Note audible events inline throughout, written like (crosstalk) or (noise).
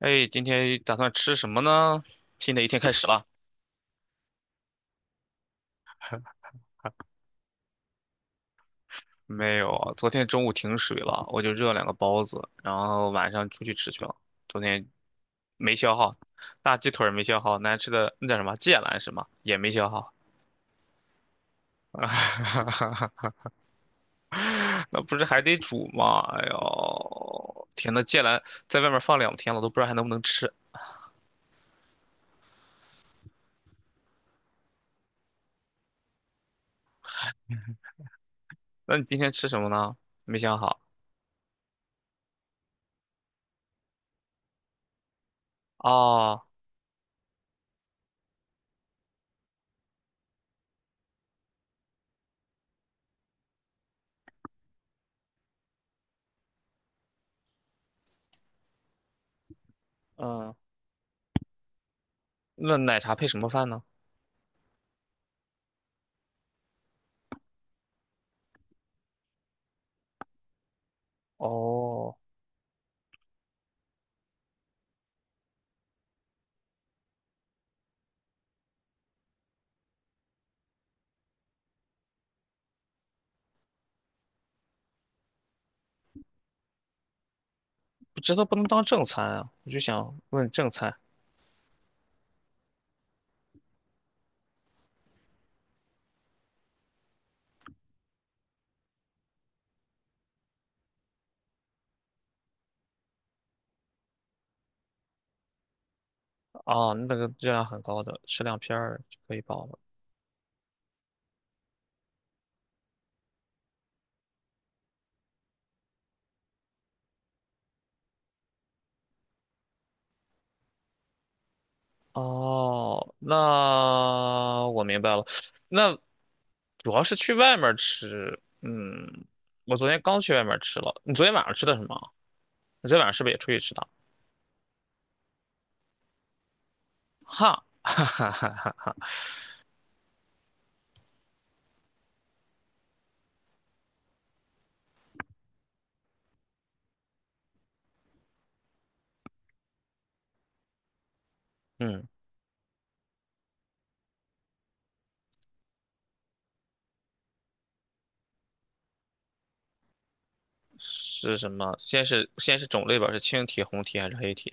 哎，今天打算吃什么呢？新的一天开始了。没有啊，昨天中午停水了，我就热两个包子，然后晚上出去吃去了。昨天没消耗，大鸡腿儿没消耗，难吃的那叫什么芥兰是吗？也没消耗，(laughs) 那不是还得煮吗？哎呦，天呐，芥兰在外面放2天了，都不知道还能不能吃。那你今天吃什么呢？没想好。哦。嗯，那奶茶配什么饭呢？哦，这都不能当正餐啊，我就想问正餐。哦，那个热量很高的，吃两片儿就可以饱了。哦，那我明白了。那主要是去外面儿吃。嗯，我昨天刚去外面儿吃了。你昨天晚上吃的什么？你昨天晚上是不是也出去吃的？哈，(laughs) 哈哈哈哈。嗯，是什么？先是种类吧，是青提、红提还是黑提？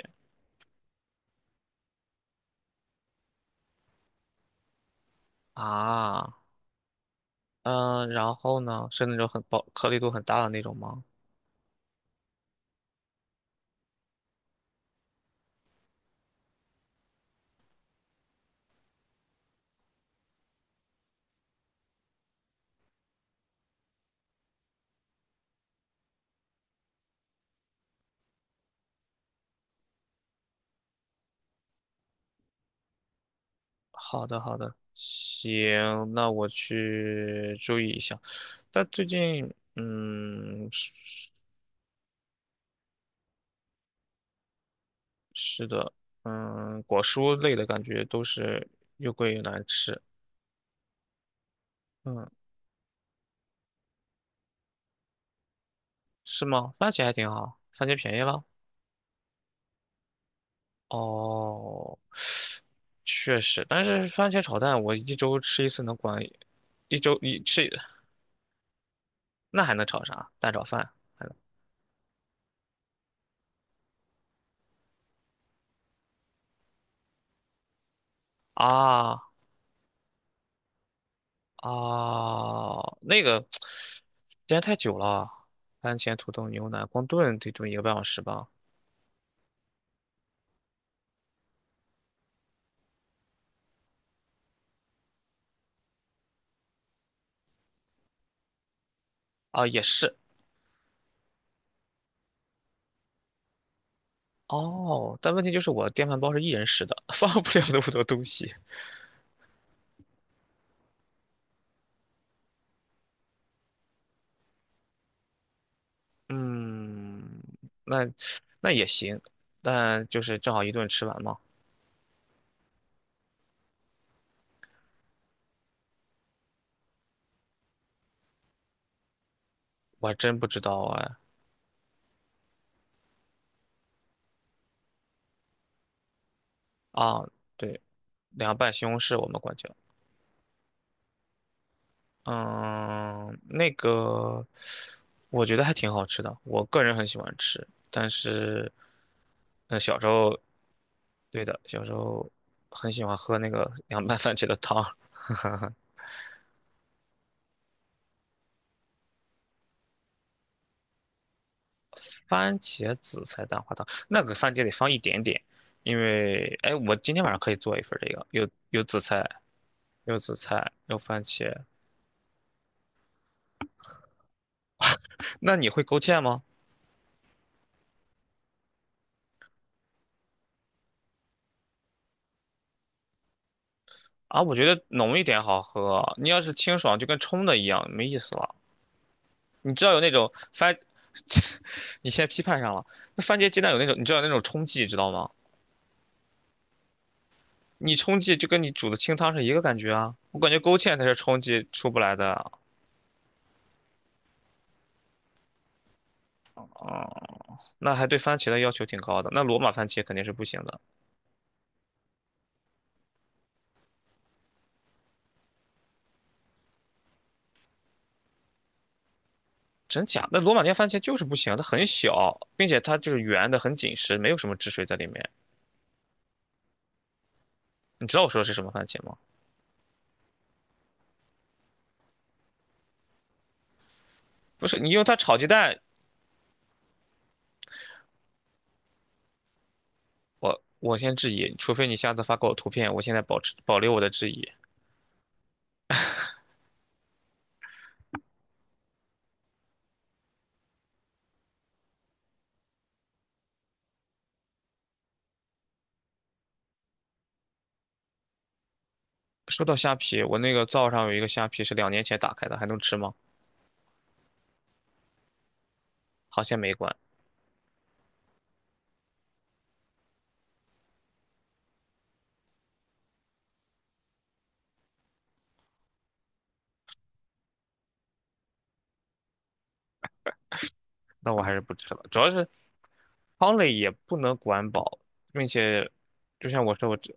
啊，嗯，然后呢？是那种很薄、颗粒度很大的那种吗？好的，好的，行，那我去注意一下。但最近，嗯，是的，嗯，果蔬类的感觉都是又贵又难吃。嗯，是吗？番茄还挺好，番茄便宜了。哦，确实，但是番茄炒蛋我一周吃一次能管一周一吃，那还能炒啥？蛋炒饭还能啊？啊，那个时间太久了，番茄土豆牛腩光炖得炖1个半小时吧。啊，也是哦，但问题就是我电饭煲是一人食的，(laughs) 放不了那么多东西。嗯，那那也行，但就是正好一顿吃完嘛。我还真不知道哎。啊，对，凉拌西红柿我们管叫。嗯，那个我觉得还挺好吃的，我个人很喜欢吃。但是，嗯，小时候，对的，小时候很喜欢喝那个 (laughs) 凉拌番茄的汤，番茄紫菜蛋花汤，那个番茄得放一点点，因为，哎，我今天晚上可以做一份这个，有紫菜，有紫菜，有番茄。那你会勾芡吗？啊，我觉得浓一点好喝，你要是清爽就跟冲的一样，没意思了。你知道有那种番，(laughs) 你现在批判上了。那番茄鸡蛋有那种，你知道有那种冲剂，知道吗？你冲剂就跟你煮的清汤是一个感觉啊。我感觉勾芡才是冲剂出不来的啊、那还对番茄的要求挺高的。那罗马番茄肯定是不行的，真假？那罗马尼亚番茄就是不行，它很小，并且它就是圆的，很紧实，没有什么汁水在里面。你知道我说的是什么番茄吗？不是，你用它炒鸡蛋，我先质疑，除非你下次发给我图片，我现在保持保留我的质疑。说到虾皮，我那个灶上有一个虾皮是2年前打开的，还能吃吗？好像没关，那我还是不吃了。主要是汤类也不能管饱，并且就像我说，我这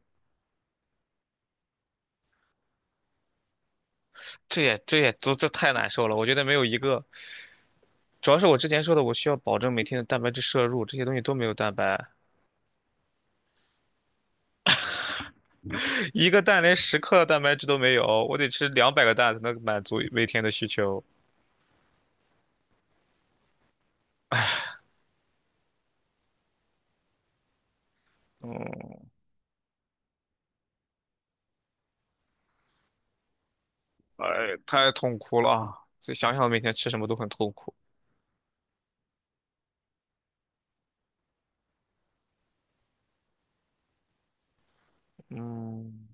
这也这也都这太难受了。我觉得没有一个，主要是我之前说的，我需要保证每天的蛋白质摄入，这些东西都没有蛋白，(laughs) 一个蛋连10克的蛋白质都没有，我得吃200个蛋才能满足每天的需求。嗯，哎，太痛苦了啊，所以想想每天吃什么都很痛苦。嗯。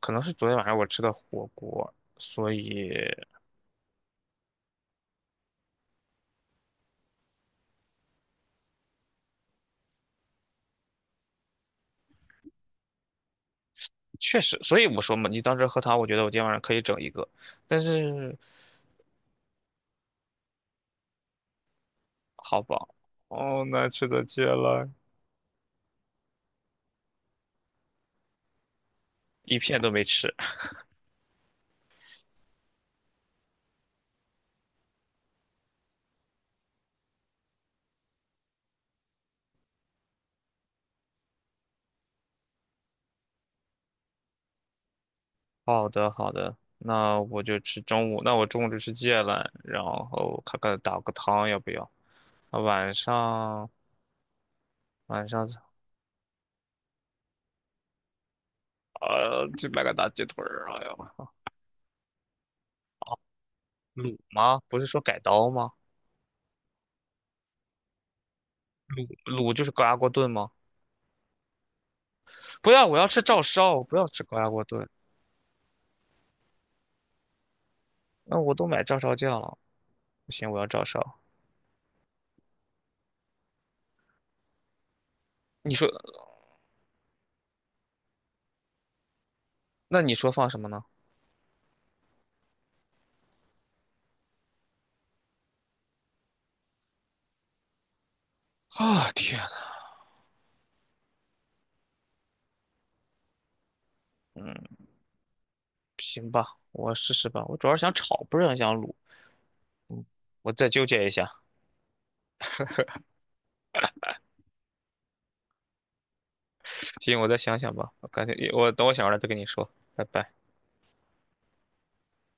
可能是昨天晚上我吃的火锅，所以确实，所以我说嘛，你当时喝汤，我觉得我今天晚上可以整一个，但是好饱。哦，难吃的芥兰一片都没吃。好的，好的，那我就吃中午，那我中午就吃芥兰，然后看看打个汤要不要？啊，晚上，去买个大鸡腿儿，哎呀，卤吗？不是说改刀吗？卤就是高压锅炖吗？不要，我要吃照烧，不要吃高压锅炖。那我都买照烧酱了，不行，我要照烧。你说，那你说放什么呢？啊，天，嗯，行吧，我试试吧。我主要是想炒，不是很想卤。我再纠结一下。行，我再想想吧。我感觉我等我想完了再跟你说。拜拜。